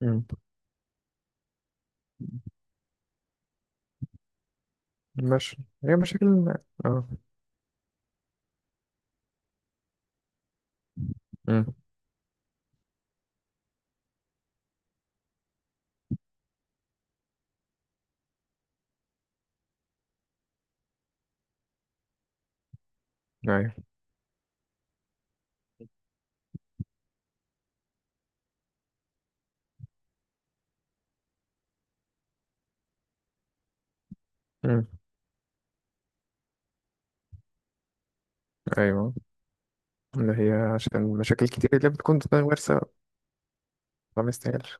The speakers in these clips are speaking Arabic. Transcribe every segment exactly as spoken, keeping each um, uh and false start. مم. مش هي مشاكل. اه. مم. ايوه. مم. ايوه، اللي هي عشان مشاكل كتير اللي بتكون غير سبب فما يستاهلش.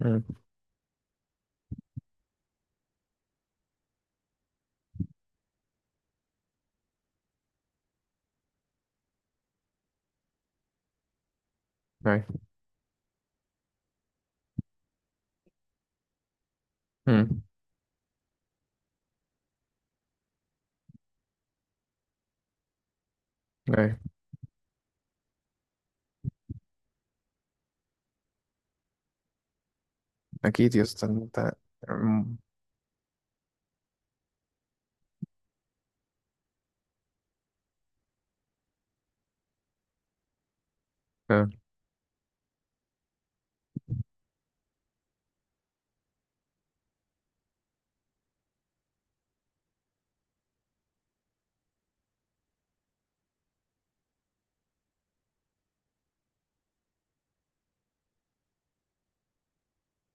مم. ايوه. مم. ايوه. اكيد يا اسطى انت... مم. آه.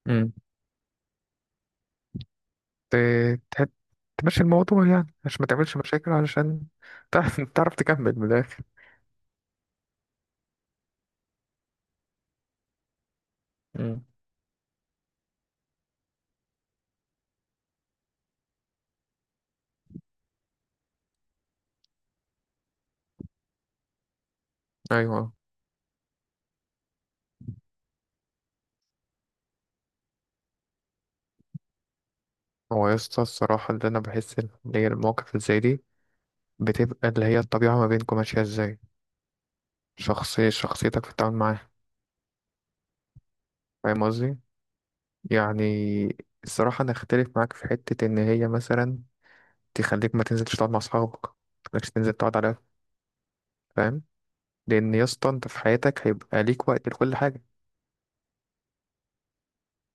مم. ت- تحب تمشي الموضوع يعني عشان ما تعملش مشاكل، علشان تعرف تعرف تكمل من الاخر. مم. ايوه. هو يا اسطى الصراحه اللي انا بحس ان هي المواقف اللي زي دي بتبقى اللي هي الطبيعه ما بينكم ماشيه ازاي، شخصية شخصيتك في التعامل معاه. فاهم قصدي؟ يعني الصراحة أنا أختلف معاك في حتة إن هي مثلا تخليك ما تنزلش تقعد مع أصحابك، متخليكش تنزل تقعد على القهوة، فاهم. لأن يا اسطى أنت في حياتك هيبقى ليك وقت لكل حاجة،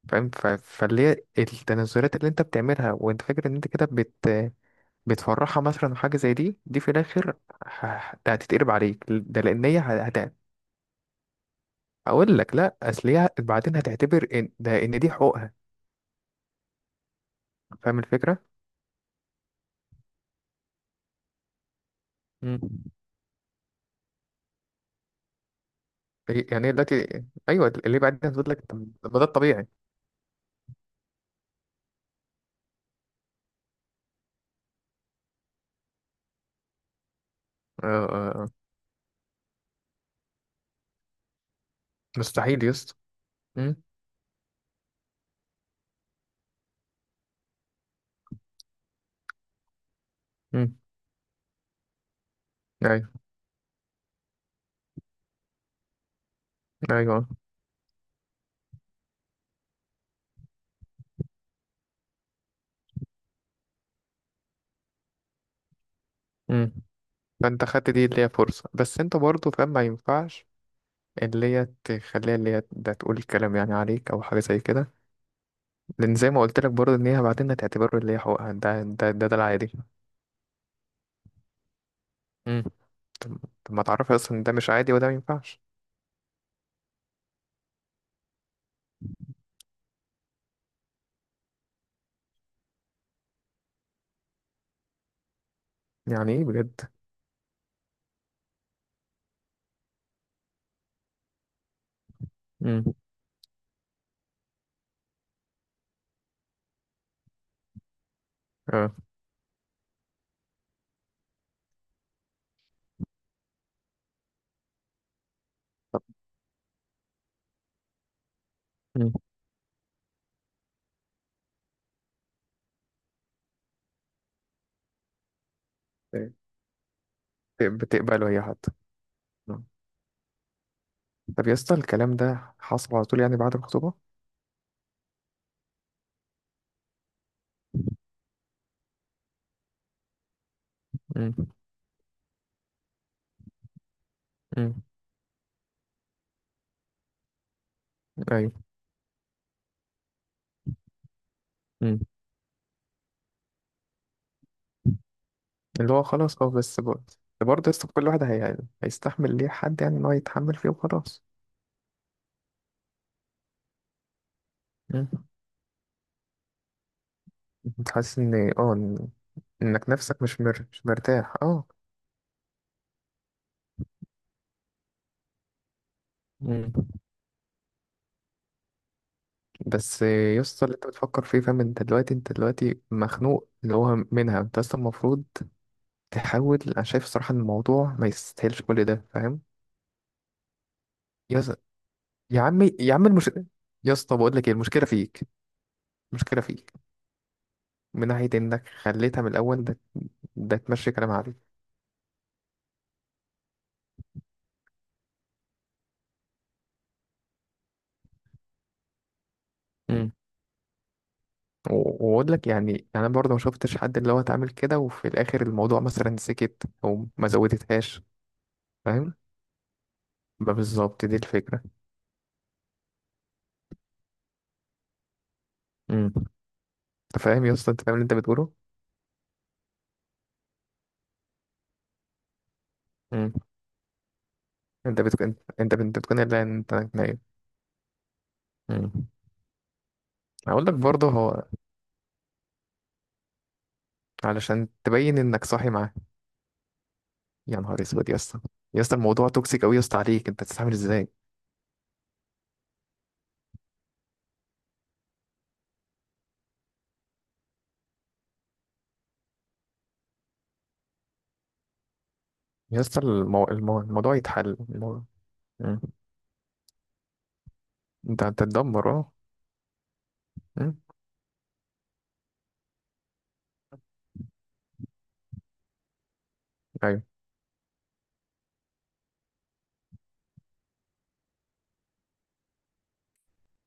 فاهم ف- فاللي هي التنازلات اللي أنت بتعملها وأنت فاكر إن أنت كده بت بتفرحها، مثلا حاجة زي دي دي في الآخر ه- هتتقلب عليك، ده لأن هي هت... هت- أقول لك لأ، أصل هي بعدين هتعتبر إن ده إن دي حقوقها. فاهم الفكرة؟ مم. يعني هي دلوقتي... أيوه اللي بعدين هتقول لك طب ما ده الطبيعي. آه، آه، مستحيل يسطا. مم، مم، ايوه، ايوه، مم. فانت خدت دي اللي هي فرصة، بس انت برضه فاهم ما ينفعش اللي هي تخليها اللي هي ده تقول كلام يعني عليك او حاجة زي كده. لان زي ما قلت لك برضه ان هي بعدين هتعتبره اللي هي حقوقها، ده ده ده, ده العادي. مم. طب طب ما تعرفي اصلا إن ده مش عادي وده ما ينفعش. يعني ايه بجد؟ مم. اه. مم. بت- بتقبله هي حتى؟ مم. طب يا اسطى الكلام ده حصل على طول يعني بعد الخطوبة؟ مم. مم. ايوه. مم. اللي هو خلاص اه، بس برضه، برضه يسطا كل واحد هي... هيستحمل ليه حد يعني ان هو يتحمل فيه وخلاص. مم. انت حاسس ان اه إن- انك نفسك مش مر... مش مرتاح، اه. مم. بس يسطا اللي انت بتفكر فيه، فاهم، انت دلوقتي انت دلوقتي مخنوق اللي هو منها، انت اصلا المفروض تحاول. انا شايف الصراحة ان الموضوع ما يستاهلش كل ده، فاهم. يا ز- يا عمي يا عم المش... يا اسطى بقول لك ايه، المشكلة فيك، المشكلة فيك من ناحية انك خليتها من الاول ده, ده تمشي كلام عليك. و- واقول لك يعني انا برضه ما شفتش حد اللي هو اتعامل كده وفي الاخر الموضوع مثلا سكت او ما زودتهاش. فاهم، ما بالظبط دي الفكره. امم. انت فاهم يا اسطى، انت فاهم اللي انت بتقوله؟ امم. انت بتكون، انت انت بتكون، لا انت نايم. امم. اقول لك برضه هو علشان تبين انك صاحي معاه. يا نهار اسود يا اسطى، يا اسطى الموضوع توكسيك قوي يا اسطى، عليك انت تستعمل ازاي. يا اسطى المو... المو... الموضوع يتحل الموضوع. امم. انت هتتدمر، اه. امم. ايوه.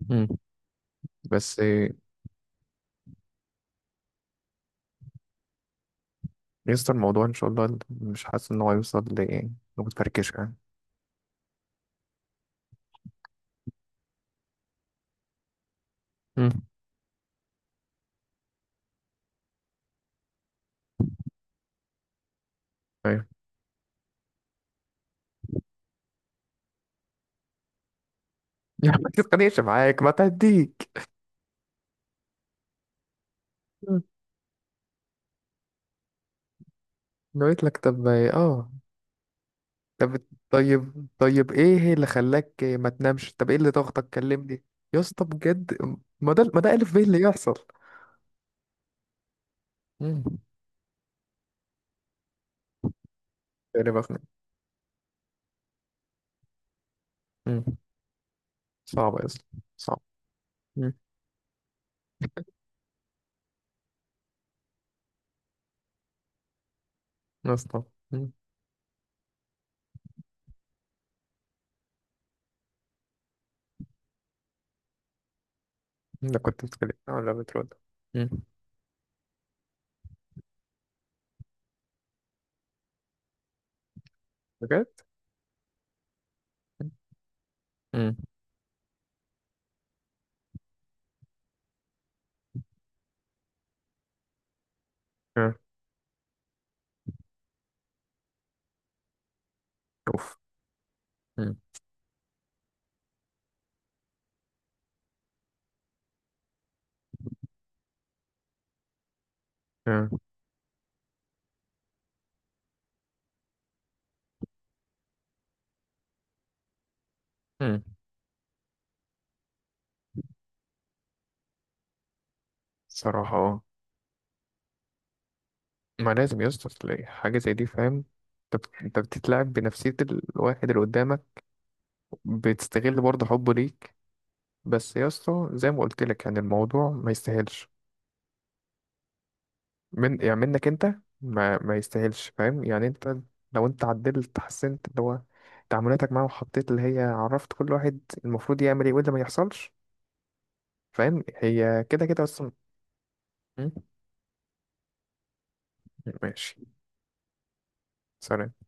امم. بس يسطا الموضوع ان شاء الله مش حاسس ان هو يوصل ل لمتفركش يعني. مم. ايوه. يا عم ما تتخانقش معاك، ما تهديك. مم. أنا قلت لك طب اه، طب، طيب طيب ايه اللي خلاك ما تنامش، طب ايه اللي ضغطك، كلمني. يا اسطى بجد، ما ده ما ده الف بيه اللي يحصل. مم. يعني بخنق. مم. صعب يا اسطى، صعب. مم. يا اسطى. مم. انا كنت بتكلم ولا بترد؟ مم. بجد. مم. آه، اوف. مم. آه، مم. صراحة اه. ما لازم يا اسطى تلاقي حاجة زي دي، فاهم، انت بت- انت بتتلاعب بنفسية الواحد اللي قدامك، بتستغل برضه حبه ليك. بس يا اسطى زي ما قلت لك يعني الموضوع ما يستاهلش، من يعني منك انت، ما ما يستاهلش. فاهم يعني انت لو انت عدلت، حسنت اللي هو تعاملاتك معاه، وحطيت اللي هي عرفت كل واحد المفروض يعمل ايه واللي ما يحصلش. فاهم، هي كده كده اصلا. م? ماشي. سلام.